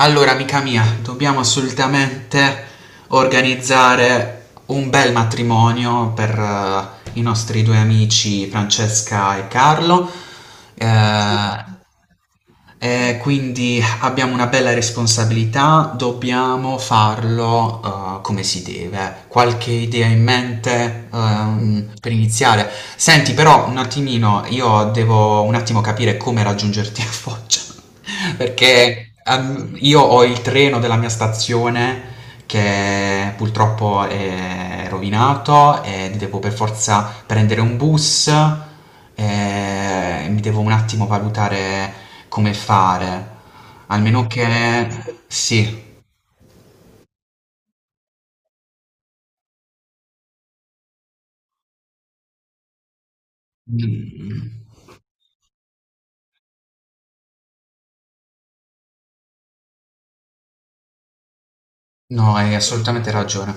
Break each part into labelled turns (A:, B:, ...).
A: Allora, amica mia, dobbiamo assolutamente organizzare un bel matrimonio per i nostri due amici Francesca e Carlo. Eh, e quindi abbiamo una bella responsabilità, dobbiamo farlo come si deve. Qualche idea in mente per iniziare? Senti, però un attimino, io devo un attimo capire come raggiungerti a Foggia. Perché io ho il treno della mia stazione che purtroppo è rovinato e devo per forza prendere un bus e mi devo un attimo valutare come fare. Almeno che... Sì. Mm. No, hai assolutamente ragione.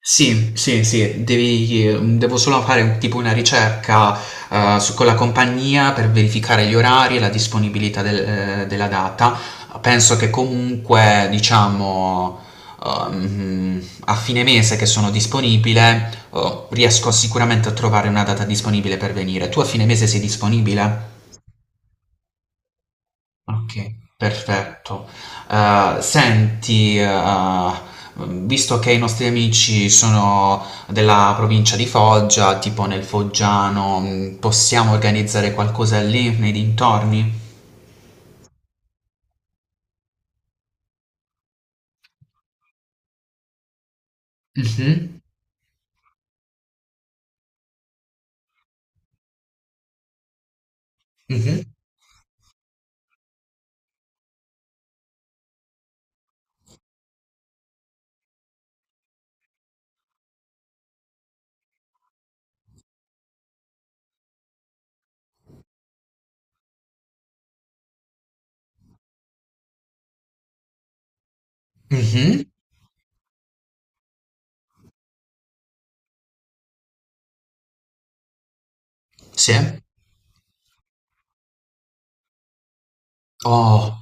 A: Sì, sì, sì, devo solo fare un tipo una ricerca, su con la compagnia per verificare gli orari e la disponibilità della data. Penso che comunque, diciamo, a fine mese che sono disponibile, riesco sicuramente a trovare una data disponibile per venire. Tu a fine mese sei disponibile? Ok, perfetto. Senti, visto che i nostri amici sono della provincia di Foggia, tipo nel Foggiano, possiamo organizzare qualcosa lì nei dintorni? Mhm, mhm, mhm, sì. Oh.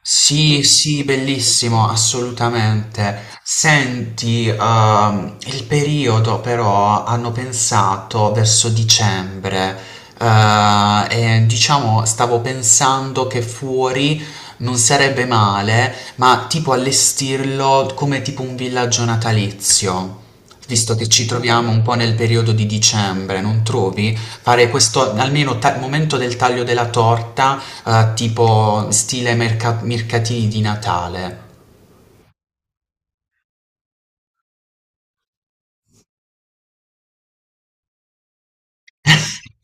A: Sì, sì, bellissimo, assolutamente. Senti, il periodo però hanno pensato verso dicembre, eh, e diciamo stavo pensando che fuori non sarebbe male, ma tipo allestirlo come tipo un villaggio natalizio, visto che ci troviamo un po' nel periodo di dicembre, non trovi? Fare questo, almeno al momento del taglio della torta, tipo stile mercatini di Natale.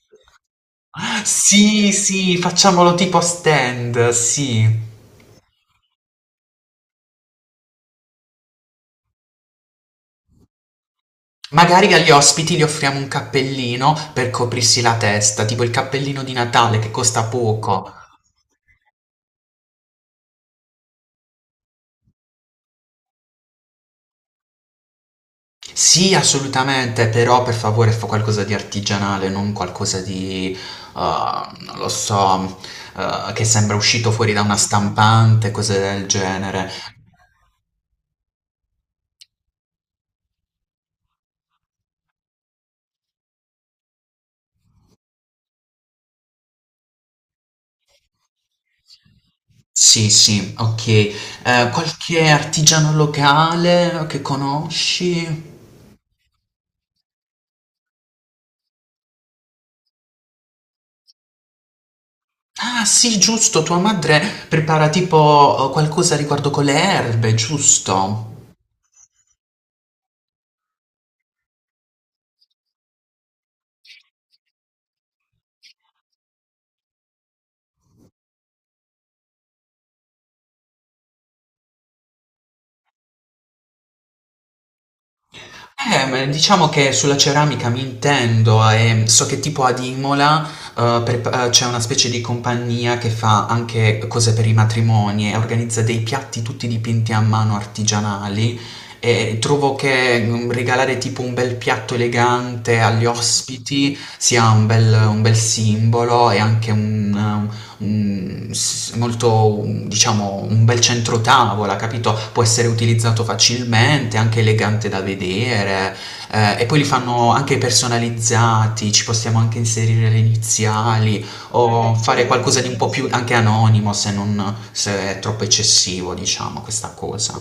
A: Sì, sì, facciamolo tipo a stand, sì. Magari agli ospiti gli offriamo un cappellino per coprirsi la testa, tipo il cappellino di Natale che costa poco. Sì, assolutamente, però per favore fa qualcosa di artigianale, non qualcosa di, non lo so, che sembra uscito fuori da una stampante, cose del genere. Sì, sì, ok. Qualche artigiano locale che conosci? Ah, sì, giusto, tua madre prepara tipo qualcosa riguardo con le erbe, giusto? Ma diciamo che sulla ceramica mi intendo e so che tipo ad Imola c'è una specie di compagnia che fa anche cose per i matrimoni e organizza dei piatti tutti dipinti a mano artigianali e trovo che mm, regalare tipo un bel piatto elegante agli ospiti sia un bel simbolo e anche un, s- molto, un- diciamo, un bel centrotavola, capito? Può essere utilizzato facilmente, anche elegante da vedere. Eh, e poi li fanno anche personalizzati, ci possiamo anche inserire le iniziali o fare qualcosa di un po' più anche anonimo se non, se è troppo eccessivo, diciamo, questa cosa.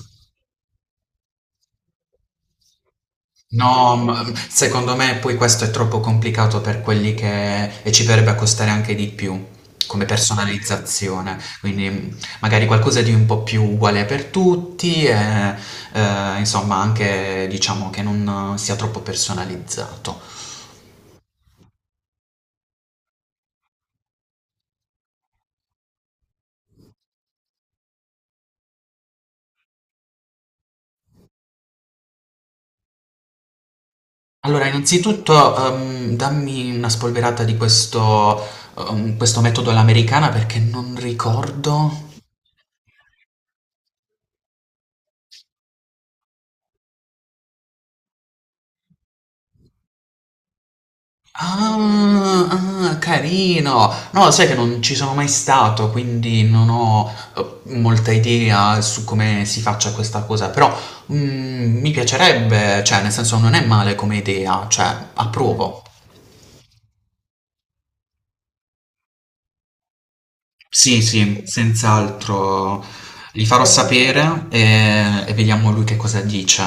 A: No, ma secondo me poi questo è troppo complicato per quelli che... e ci verrebbe a costare anche di più come personalizzazione, quindi magari qualcosa di un po' più uguale per tutti e insomma anche diciamo che non sia troppo personalizzato. Allora, innanzitutto dammi una spolverata di questo, questo metodo all'americana perché non ricordo. Ah, ah, carino! No, sai che non ci sono mai stato, quindi non ho molta idea su come si faccia questa cosa, però mm, mi piacerebbe, cioè, nel senso non è male come idea, cioè, approvo. Sì, sì, senz'altro. Gli farò sapere e vediamo lui che cosa dice.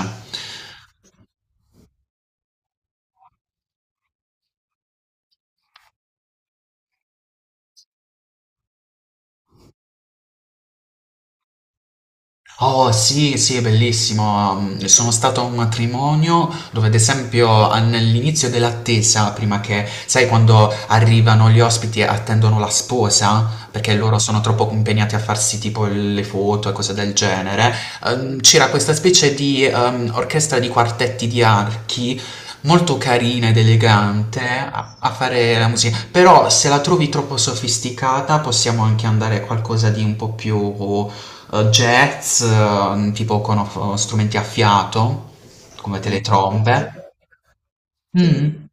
A: Oh sì, sì, è bellissimo. Mm, sono stato a un matrimonio dove, ad esempio, all'inizio dell'attesa, prima che, sai, quando arrivano gli ospiti e attendono la sposa, perché loro sono troppo impegnati a farsi tipo le foto e cose del genere, c'era questa specie di orchestra di quartetti di archi. Molto carina ed elegante a, a fare la musica, però se la trovi troppo sofisticata possiamo anche andare a qualcosa di un po' più jazz, tipo con strumenti a fiato, come teletrombe. Mm,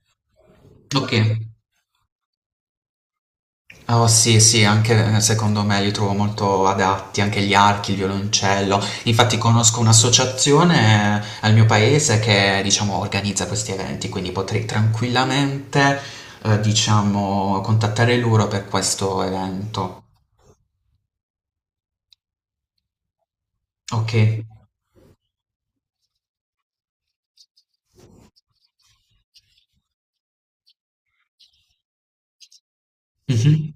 A: ok. Oh sì, sì, anche secondo me li trovo molto adatti, anche gli archi, il violoncello. Infatti conosco un'associazione al mio paese che, diciamo, organizza questi eventi, quindi potrei tranquillamente, diciamo, contattare loro per questo evento. Ok. Mhm.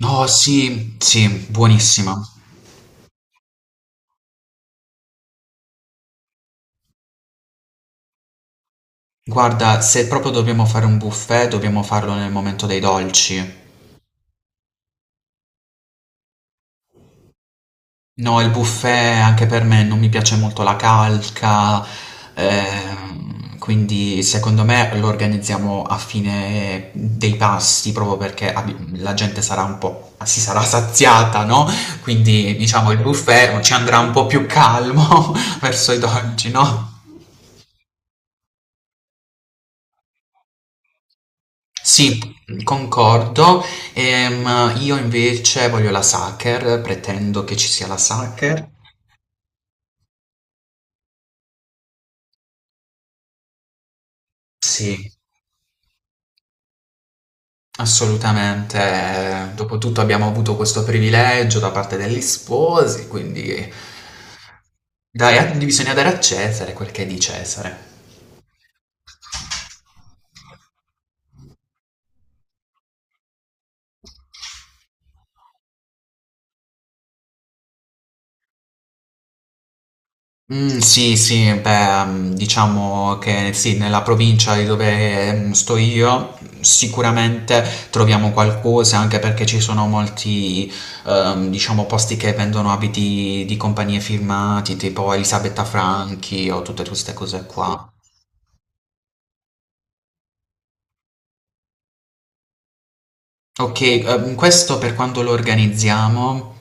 A: No, sì, sì, buonissima. Guarda, se proprio dobbiamo fare un buffet, dobbiamo farlo nel momento dei dolci. No, il buffet anche per me non mi piace molto la calca, quindi secondo me lo organizziamo a fine dei pasti, proprio perché la gente sarà un po', si sarà saziata, no? Quindi diciamo il buffet ci andrà un po' più calmo verso i dolci, no? Sì, concordo. Io invece voglio la Sacher, pretendo che ci sia la Sacher. Sì, assolutamente. Dopotutto abbiamo avuto questo privilegio da parte degli sposi, quindi dai, bisogna dare a Cesare quel che è di Cesare. Mhmm, sì, sì, beh, mhmm, diciamo che sì, nella provincia di dove, mhmm, sto io, mhmm, sicuramente troviamo qualcosa, anche perché ci sono molti, diciamo posti che vendono abiti di compagnie firmati, tipo Elisabetta Franchi o tutte queste cose qua. Okay, questo per quando lo organizziamo?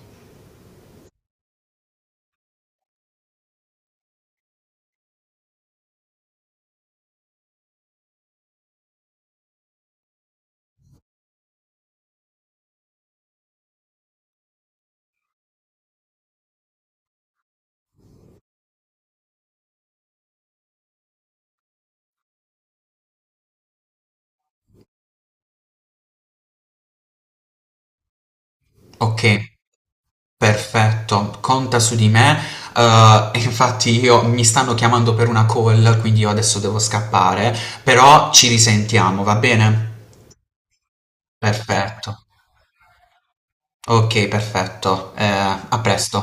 A: Okay. Perfetto, conta su di me. E infatti io mi stanno chiamando per una call, quindi io adesso devo scappare, però ci risentiamo, va bene? Perfetto. Okay, perfetto. A presto.